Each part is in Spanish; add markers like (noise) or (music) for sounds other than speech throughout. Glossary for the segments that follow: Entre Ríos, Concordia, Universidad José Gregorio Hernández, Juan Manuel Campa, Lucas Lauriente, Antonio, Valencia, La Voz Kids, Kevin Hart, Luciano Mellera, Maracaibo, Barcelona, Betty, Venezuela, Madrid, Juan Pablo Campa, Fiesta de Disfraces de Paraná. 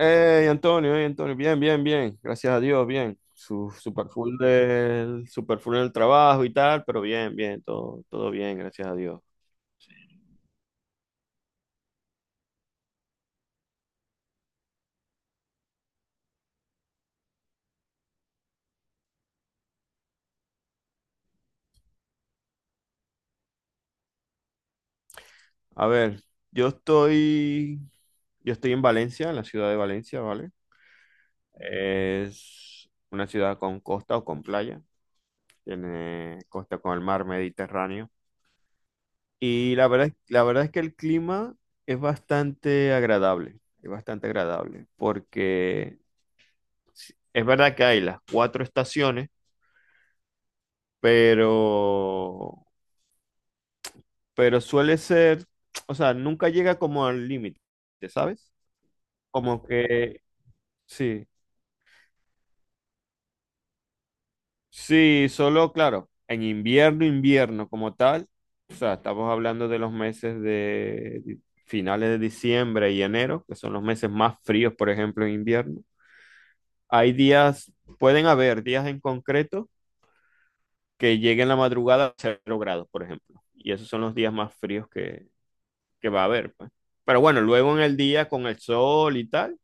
Hey, Antonio, bien, bien, bien, gracias a Dios, bien. Super full super full del trabajo y tal, pero bien, bien, todo, todo bien, gracias a Dios. A ver, yo estoy, yo estoy en Valencia, en la ciudad de Valencia, ¿vale? Es una ciudad con costa o con playa, tiene costa con el mar Mediterráneo. Y la verdad, la verdad es que el clima es bastante agradable, porque es verdad que hay las cuatro estaciones, pero, pero suele ser, o sea, nunca llega como al límite, ¿sabes? Como que, sí, sí, solo, claro, en invierno, invierno como tal, o sea, estamos hablando de los meses de finales de diciembre y enero, que son los meses más fríos, por ejemplo, en invierno. Hay días, pueden haber días en concreto que lleguen la madrugada a 0 grados, por ejemplo, y esos son los días más fríos que va a haber, pues. Pero bueno, luego en el día con el sol y tal,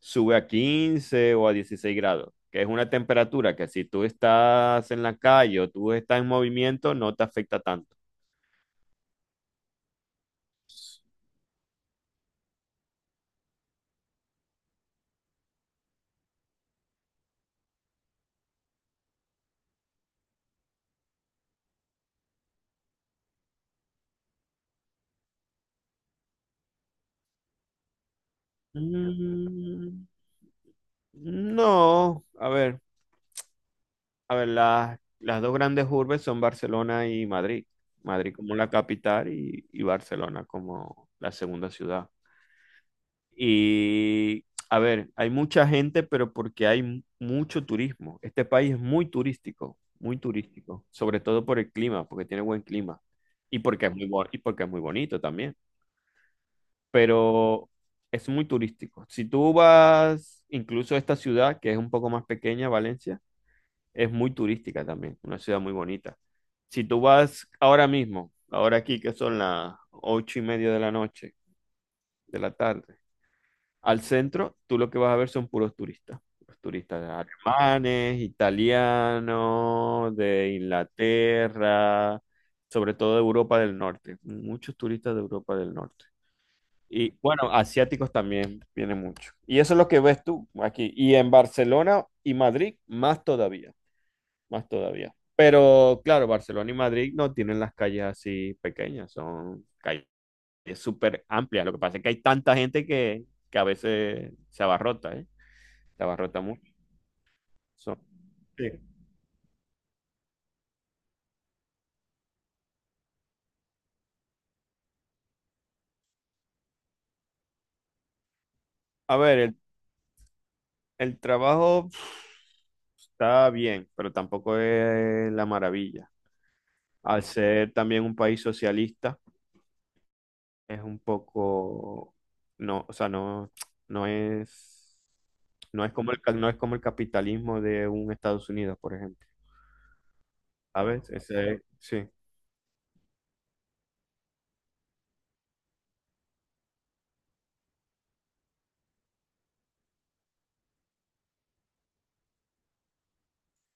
sube a 15 o a 16 grados, que es una temperatura que si tú estás en la calle o tú estás en movimiento, no te afecta tanto. Mm, no, a ver, las dos grandes urbes son Barcelona y Madrid. Madrid como la capital y Barcelona como la segunda ciudad. Y a ver, hay mucha gente, pero porque hay mucho turismo. Este país es muy turístico, sobre todo por el clima, porque tiene buen clima y porque es y porque es muy bonito también, pero es muy turístico. Si tú vas incluso a esta ciudad, que es un poco más pequeña, Valencia, es muy turística también, una ciudad muy bonita. Si tú vas ahora mismo, ahora aquí que son las 8:30 de la noche, de la tarde, al centro, tú lo que vas a ver son puros turistas. Puros turistas alemanes, italianos, de Inglaterra, sobre todo de Europa del Norte. Muchos turistas de Europa del Norte. Y bueno, asiáticos también viene mucho. Y eso es lo que ves tú aquí. Y en Barcelona y Madrid, más todavía, más todavía. Pero claro, Barcelona y Madrid no tienen las calles así pequeñas, son calles, es súper amplia. Lo que pasa es que hay tanta gente que a veces se abarrota, ¿eh? Se abarrota mucho. So- Sí. A ver, el trabajo, pf, está bien, pero tampoco es la maravilla. Al ser también un país socialista, es un poco, no, o sea, no, no es, no es como el, no es como el capitalismo de un Estados Unidos, por ejemplo. ¿Sabes? Ese, sí.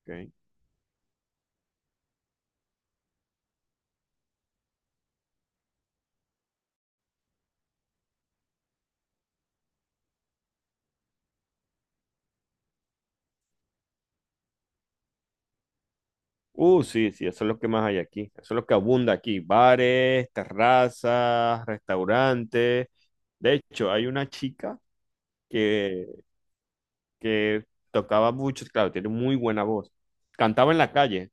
Ok. Sí, sí, eso es lo que más hay aquí. Eso es lo que abunda aquí. Bares, terrazas, restaurantes. De hecho, hay una chica que, que tocaba mucho, claro, tiene muy buena voz. Cantaba en la calle.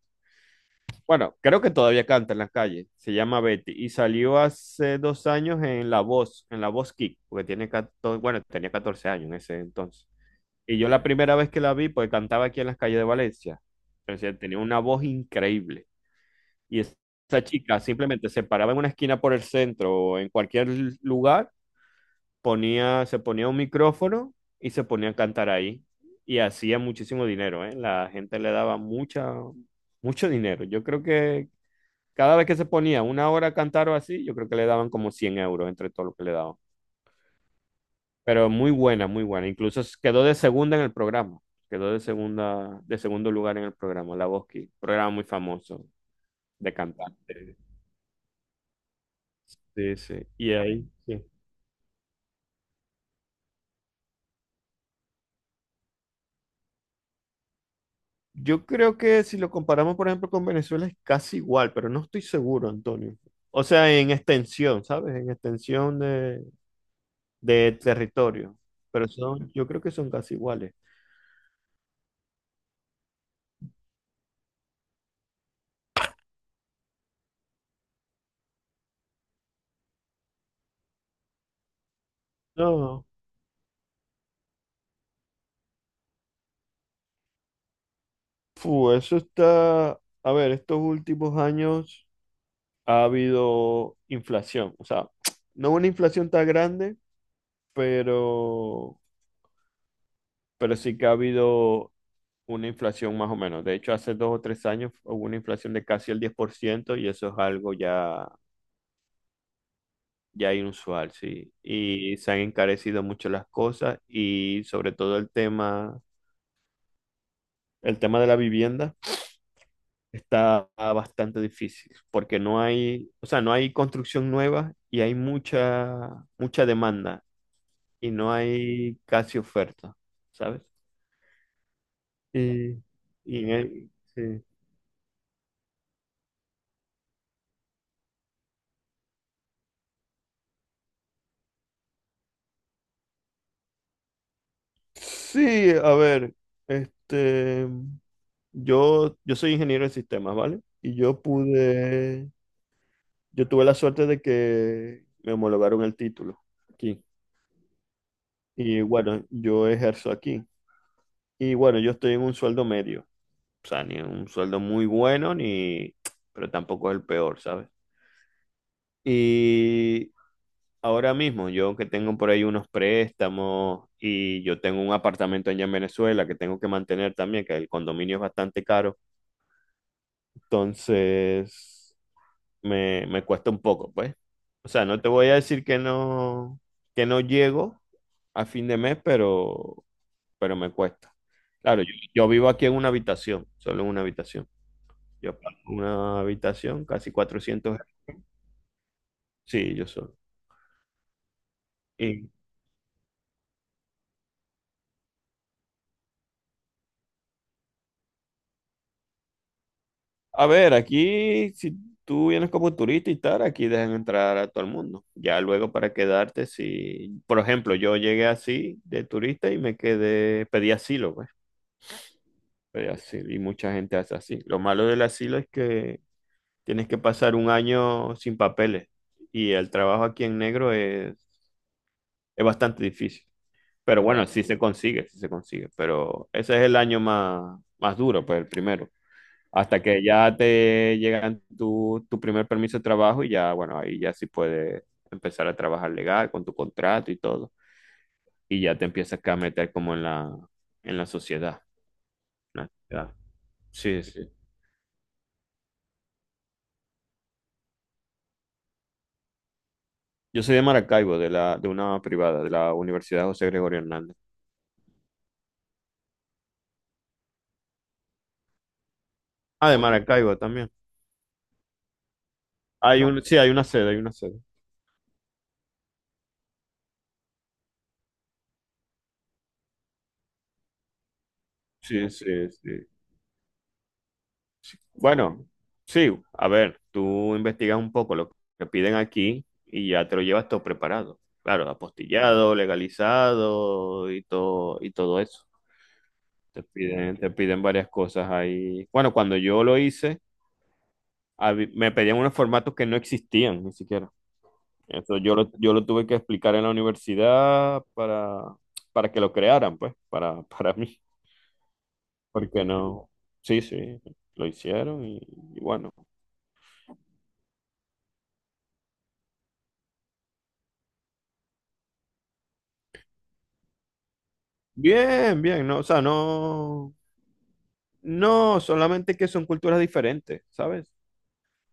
Bueno, creo que todavía canta en la calle. Se llama Betty y salió hace 2 años en La Voz Kick, porque tiene 14, bueno, tenía 14 años en ese entonces. Y yo la primera vez que la vi, pues cantaba aquí en las calles de Valencia. Pero, o sea, tenía una voz increíble. Y es- esa chica simplemente se paraba en una esquina por el centro o en cualquier lugar, se ponía un micrófono y se ponía a cantar ahí. Y hacía muchísimo dinero, ¿eh? La gente le daba mucha, mucho dinero. Yo creo que cada vez que se ponía una hora a cantar o así, yo creo que le daban como 100 euros entre todo lo que le daban. Pero muy buena, muy buena. Incluso quedó de segunda en el programa. Quedó de segunda, de segundo lugar en el programa, La Voz Kids. Programa muy famoso de cantante. Sí, sí. Y ahí, sí. Yo creo que si lo comparamos, por ejemplo, con Venezuela es casi igual, pero no estoy seguro, Antonio. O sea, en extensión, ¿sabes? En extensión de territorio. Pero son, yo creo que son casi iguales. No, no. Fu, eso está. A ver, estos últimos años ha habido inflación. O sea, no una inflación tan grande, pero, pero sí que ha habido una inflación más o menos. De hecho, hace 2 o 3 años hubo una inflación de casi el 10% y eso es algo ya, ya inusual, sí. Y se han encarecido mucho las cosas y sobre todo el tema de la vivienda está bastante difícil porque no hay, o sea, no hay construcción nueva y hay mucha, mucha demanda y no hay casi oferta, ¿sabes? Y, y sí. Sí, a ver, este, yo soy ingeniero en sistemas, ¿vale? Y yo pude, yo tuve la suerte de que me homologaron el título aquí. Y bueno, yo ejerzo aquí. Y bueno, yo estoy en un sueldo medio, o sea, ni un sueldo muy bueno, ni, pero tampoco es el peor, ¿sabes? Y ahora mismo, yo que tengo por ahí unos préstamos y yo tengo un apartamento allá en Venezuela que tengo que mantener también, que el condominio es bastante caro. Entonces, me cuesta un poco, pues. O sea, no te voy a decir que no llego a fin de mes, pero me cuesta. Claro, yo vivo aquí en una habitación, solo en una habitación. Yo pago una habitación, casi 400 euros. Sí, yo solo. Y, a ver, aquí, si tú vienes como turista y tal, aquí dejan entrar a todo el mundo. Ya luego para quedarte, si, por ejemplo, yo llegué así de turista y me quedé, pedí asilo, pues. Pero así, y mucha gente hace así. Lo malo del asilo es que tienes que pasar un año sin papeles y el trabajo aquí en negro es bastante difícil. Pero bueno, sí se consigue, sí se consigue. Pero ese es el año más, más duro, pues el primero. Hasta que ya te llegan tu, primer permiso de trabajo y ya, bueno, ahí ya sí puedes empezar a trabajar legal con tu contrato y todo. Y ya te empiezas acá a meter como en la sociedad. En la sociedad. Sí, sí. Yo soy de Maracaibo, de la, de una privada, de la Universidad José Gregorio Hernández. Ah, de Maracaibo también. Hay, ah, un, sí, hay una sede, hay una sede. Sí, sí, sí. Bueno, sí, a ver, tú investigas un poco lo que piden aquí y ya te lo llevas todo preparado. Claro, apostillado, legalizado y todo eso. Te piden varias cosas ahí. Bueno, cuando yo lo hice, me pedían unos formatos que no existían ni siquiera. Eso yo lo tuve que explicar en la universidad para que lo crearan, pues, para, (laughs) para mí. Porque no. Sí, sí, lo hicieron y bueno. Bien, bien, no, o sea, no. No, solamente que son culturas diferentes, ¿sabes?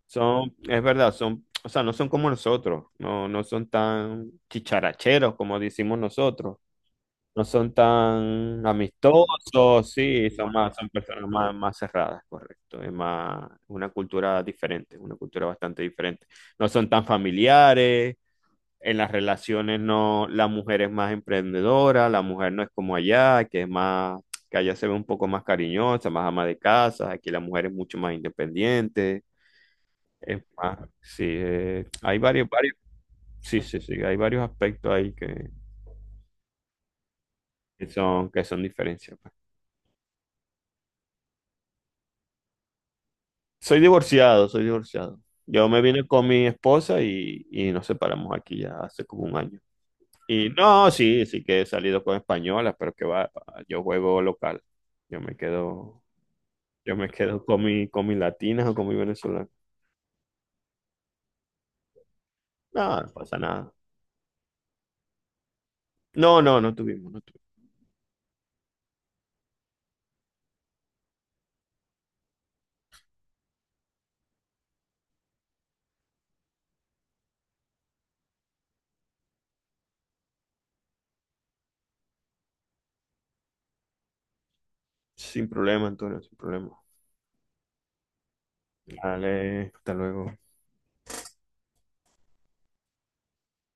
Son, es verdad, son, o sea, no son como nosotros, no, no son tan chicharacheros como decimos nosotros. No son tan amistosos, sí, son más, son personas más, más cerradas, correcto. Es más una cultura diferente, una cultura bastante diferente. No son tan familiares, en las relaciones no, la mujer es más emprendedora, la mujer no es como allá, que es más, que allá se ve un poco más cariñosa, más ama de casa, aquí la mujer es mucho más independiente, es más, sí, hay varios, varios, sí, sí, sí, hay varios aspectos ahí que son diferencias. Soy divorciado, soy divorciado. Yo me vine con mi esposa y nos separamos aquí ya hace como un año. Y no, sí, sí que he salido con españolas, pero que va, yo juego local. Yo me quedo, yo me quedo con mi, con mis latinas o con mi venezolana. No, no pasa nada. No, no, no tuvimos, no tuvimos. Sin problema, Antonio, sin problema. Dale, hasta luego.